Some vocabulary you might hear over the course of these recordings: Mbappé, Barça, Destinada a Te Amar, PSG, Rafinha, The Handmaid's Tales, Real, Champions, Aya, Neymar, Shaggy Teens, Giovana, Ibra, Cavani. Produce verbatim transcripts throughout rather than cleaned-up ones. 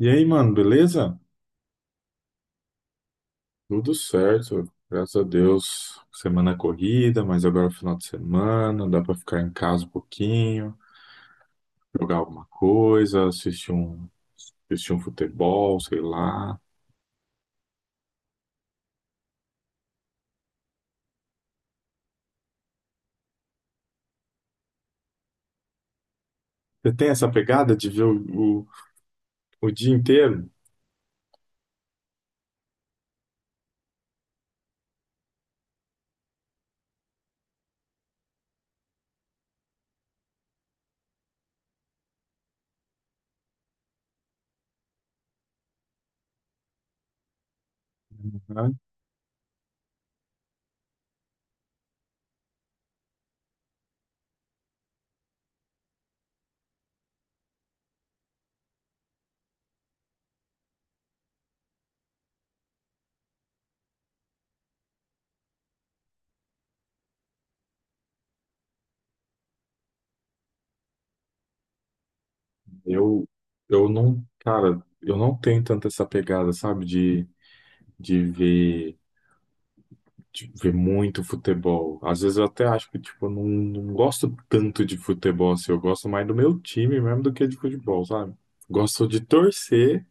E aí, mano, beleza? Tudo certo, graças a Deus. Semana corrida, mas agora é final de semana, dá pra ficar em casa um pouquinho, jogar alguma coisa, assistir um, assistir um futebol, sei lá. Você tem essa pegada de ver o, o, o dia inteiro? Uhum. Eu, eu não, cara, eu não tenho tanto essa pegada, sabe, de, de ver. de ver muito futebol. Às vezes eu até acho que, tipo, eu não, não gosto tanto de futebol, assim. Eu gosto mais do meu time mesmo do que de futebol, sabe? Gosto de torcer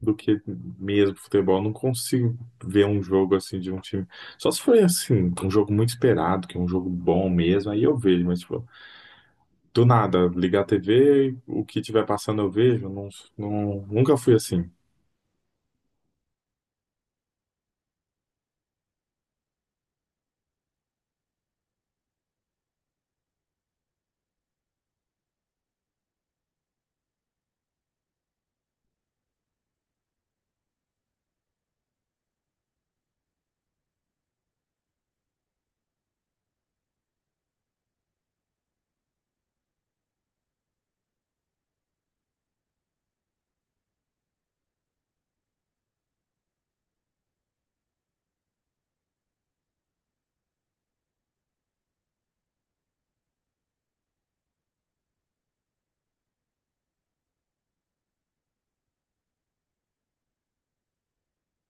do que mesmo futebol. Não consigo ver um jogo, assim, de um time. Só se for, assim, um jogo muito esperado, que é um jogo bom mesmo, aí eu vejo. Mas, tipo, do nada, ligar a T V, o que tiver passando eu vejo. Não, não, nunca fui assim.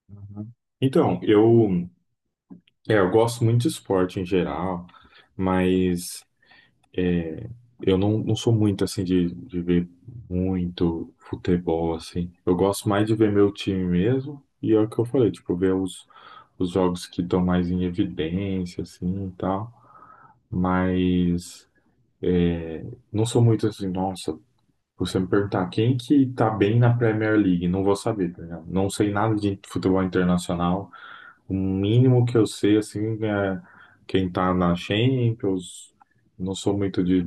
Uhum. Então, eu, é, eu gosto muito de esporte em geral, mas... Eu não, não sou muito assim de, de ver muito futebol assim. Eu gosto mais de ver meu time mesmo, e é o que eu falei, tipo, ver os, os jogos que estão mais em evidência, assim e tal. Mas é, não sou muito assim, nossa, você me perguntar quem que tá bem na Premier League, não vou saber, tá ligado? Não sei nada de futebol internacional. O mínimo que eu sei, assim, é quem tá na Champions. Não sou muito de.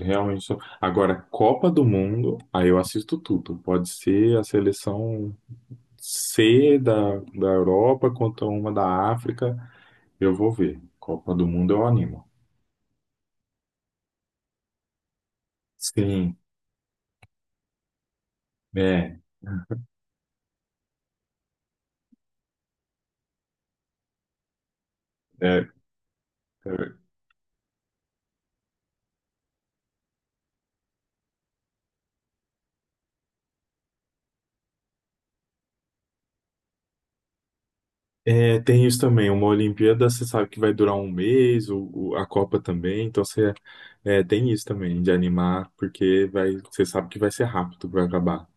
Realmente sou. Agora, Copa do Mundo, aí eu assisto tudo. Pode ser a seleção C da, da Europa contra uma da África, eu vou ver. Copa do Mundo eu animo. Sim, é, é. é É, tem isso também. Uma Olimpíada, você sabe que vai durar um mês, o, o- a Copa também. Então, você É, tem isso também de animar, porque vai, você sabe que vai ser rápido para acabar.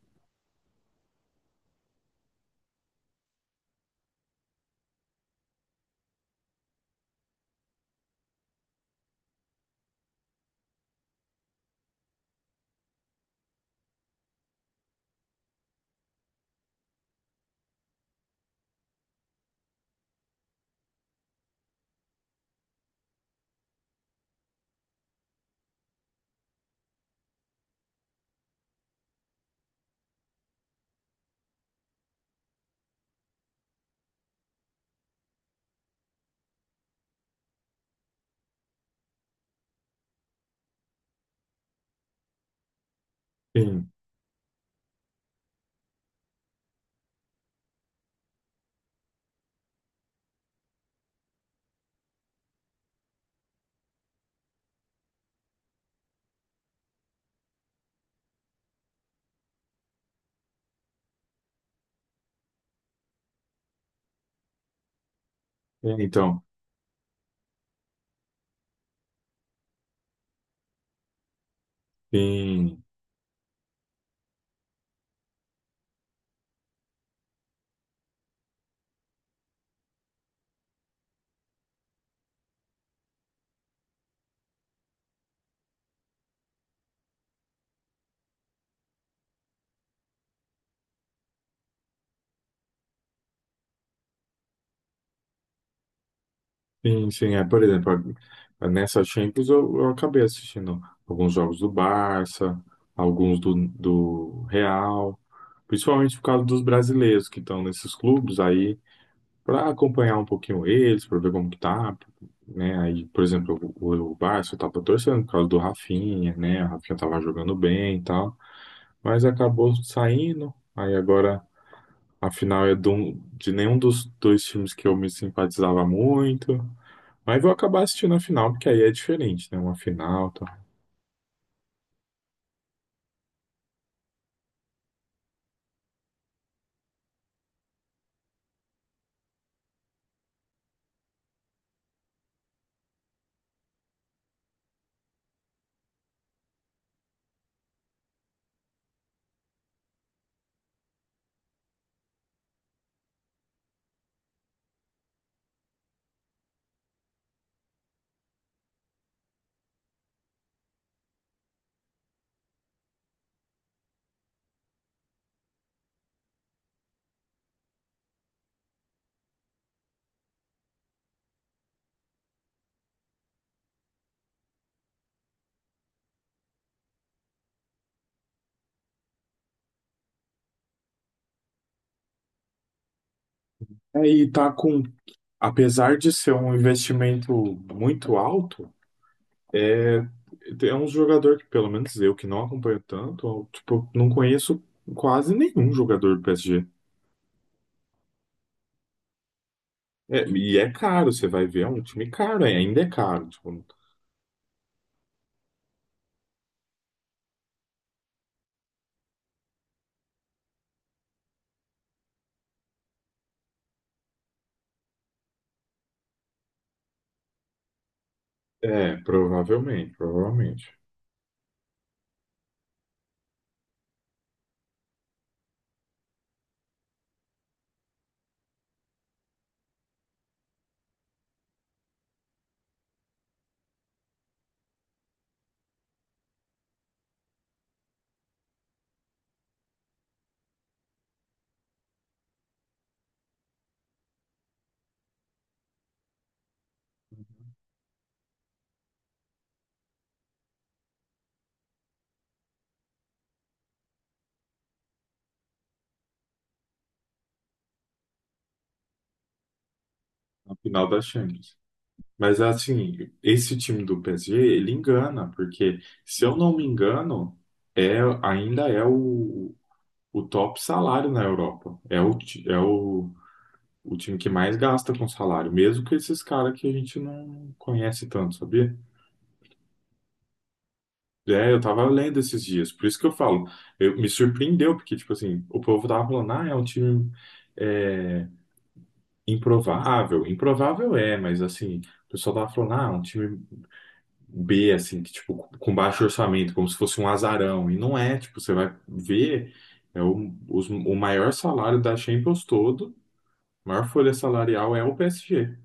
Sim, é, então, sim, sim, sim. É, por exemplo, a- nessa Champions eu, eu acabei assistindo alguns jogos do Barça, alguns do, do Real, principalmente por causa dos brasileiros que estão nesses clubes. Aí para acompanhar um pouquinho eles, para ver como que tá, né? Aí, por exemplo, o, o Barça eu tava torcendo por causa do Rafinha, né? O Rafinha tava jogando bem e tal, mas acabou saindo. Aí agora a final é de, um- de nenhum dos dois times que eu me simpatizava muito. Mas vou acabar assistindo a final, porque aí é diferente, né? Uma final, tá? Aí tá com, apesar de ser um investimento muito alto, é é um jogador que, pelo menos eu que não acompanho tanto, eu, tipo, não conheço quase nenhum jogador do P S G. É, e é caro, você vai ver, é um time caro, é, ainda é caro. Tipo, é, provavelmente, provavelmente. Na final da Champions. Mas assim, esse time do P S G, ele engana, porque se eu não me engano, é, ainda é o, o top salário na Europa. É o, ti- é o, O time que mais gasta com salário, mesmo que esses caras que a gente não conhece tanto, sabia? É, eu tava lendo esses dias, por isso que eu falo, eu, me surpreendeu, porque, tipo assim, o povo tava falando, ah, é um time é, improvável. Improvável é, mas assim, o pessoal tava falando, ah, é um time B, assim, que, tipo, com baixo orçamento, como se fosse um azarão. E não é, tipo, você vai ver, é o, os- o maior salário da Champions todo, a maior folha salarial é o P S G.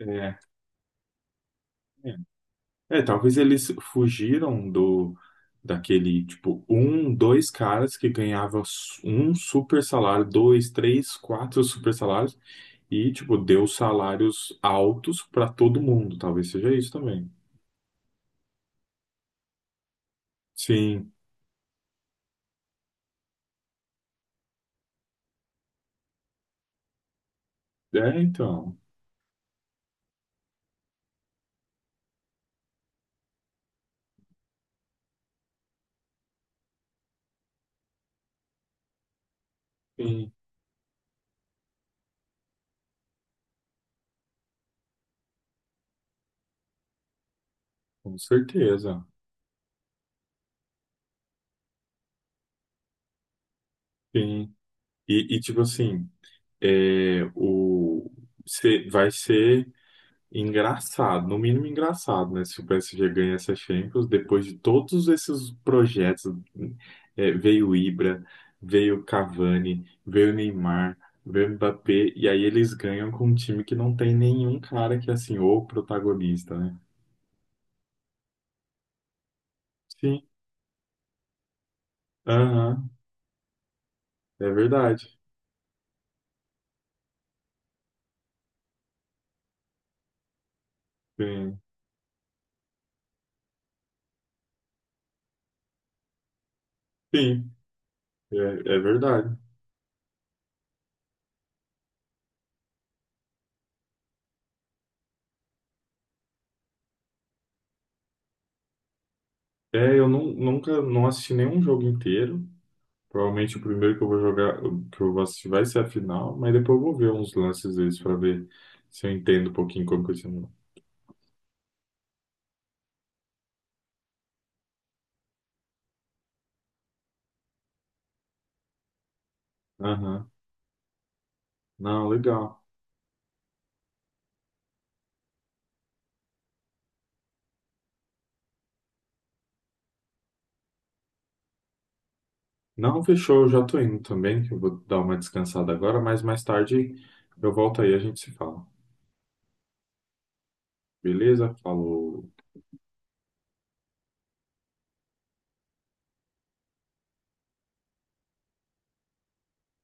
É, é. É, talvez eles fugiram do daquele tipo um, dois caras que ganhavam su- um super salário, dois, três, quatro super salários e tipo deu salários altos para todo mundo. Talvez seja isso também. Sim, é então, sim, com certeza, sim. E, e tipo assim. É, o, se- vai ser engraçado, no mínimo engraçado, né? Se o P S G ganha essa Champions, depois de todos esses projetos, é, veio o Ibra, veio o Cavani, veio o Neymar, veio o Mbappé, e aí eles ganham com um time que não tem nenhum cara que é assim, ou protagonista, né? Sim, aham, é verdade. Sim, sim, é, é verdade. É, eu não, nunca não assisti nenhum jogo inteiro. Provavelmente o primeiro que eu vou jogar, que eu vou assistir vai ser a final, mas depois eu vou ver uns lances deles pra ver se eu entendo um pouquinho como que isso. Aham. Não, legal. Não, fechou, eu já tô indo também, que eu vou dar uma descansada agora, mas mais tarde eu volto aí, a gente se fala. Beleza? Falou.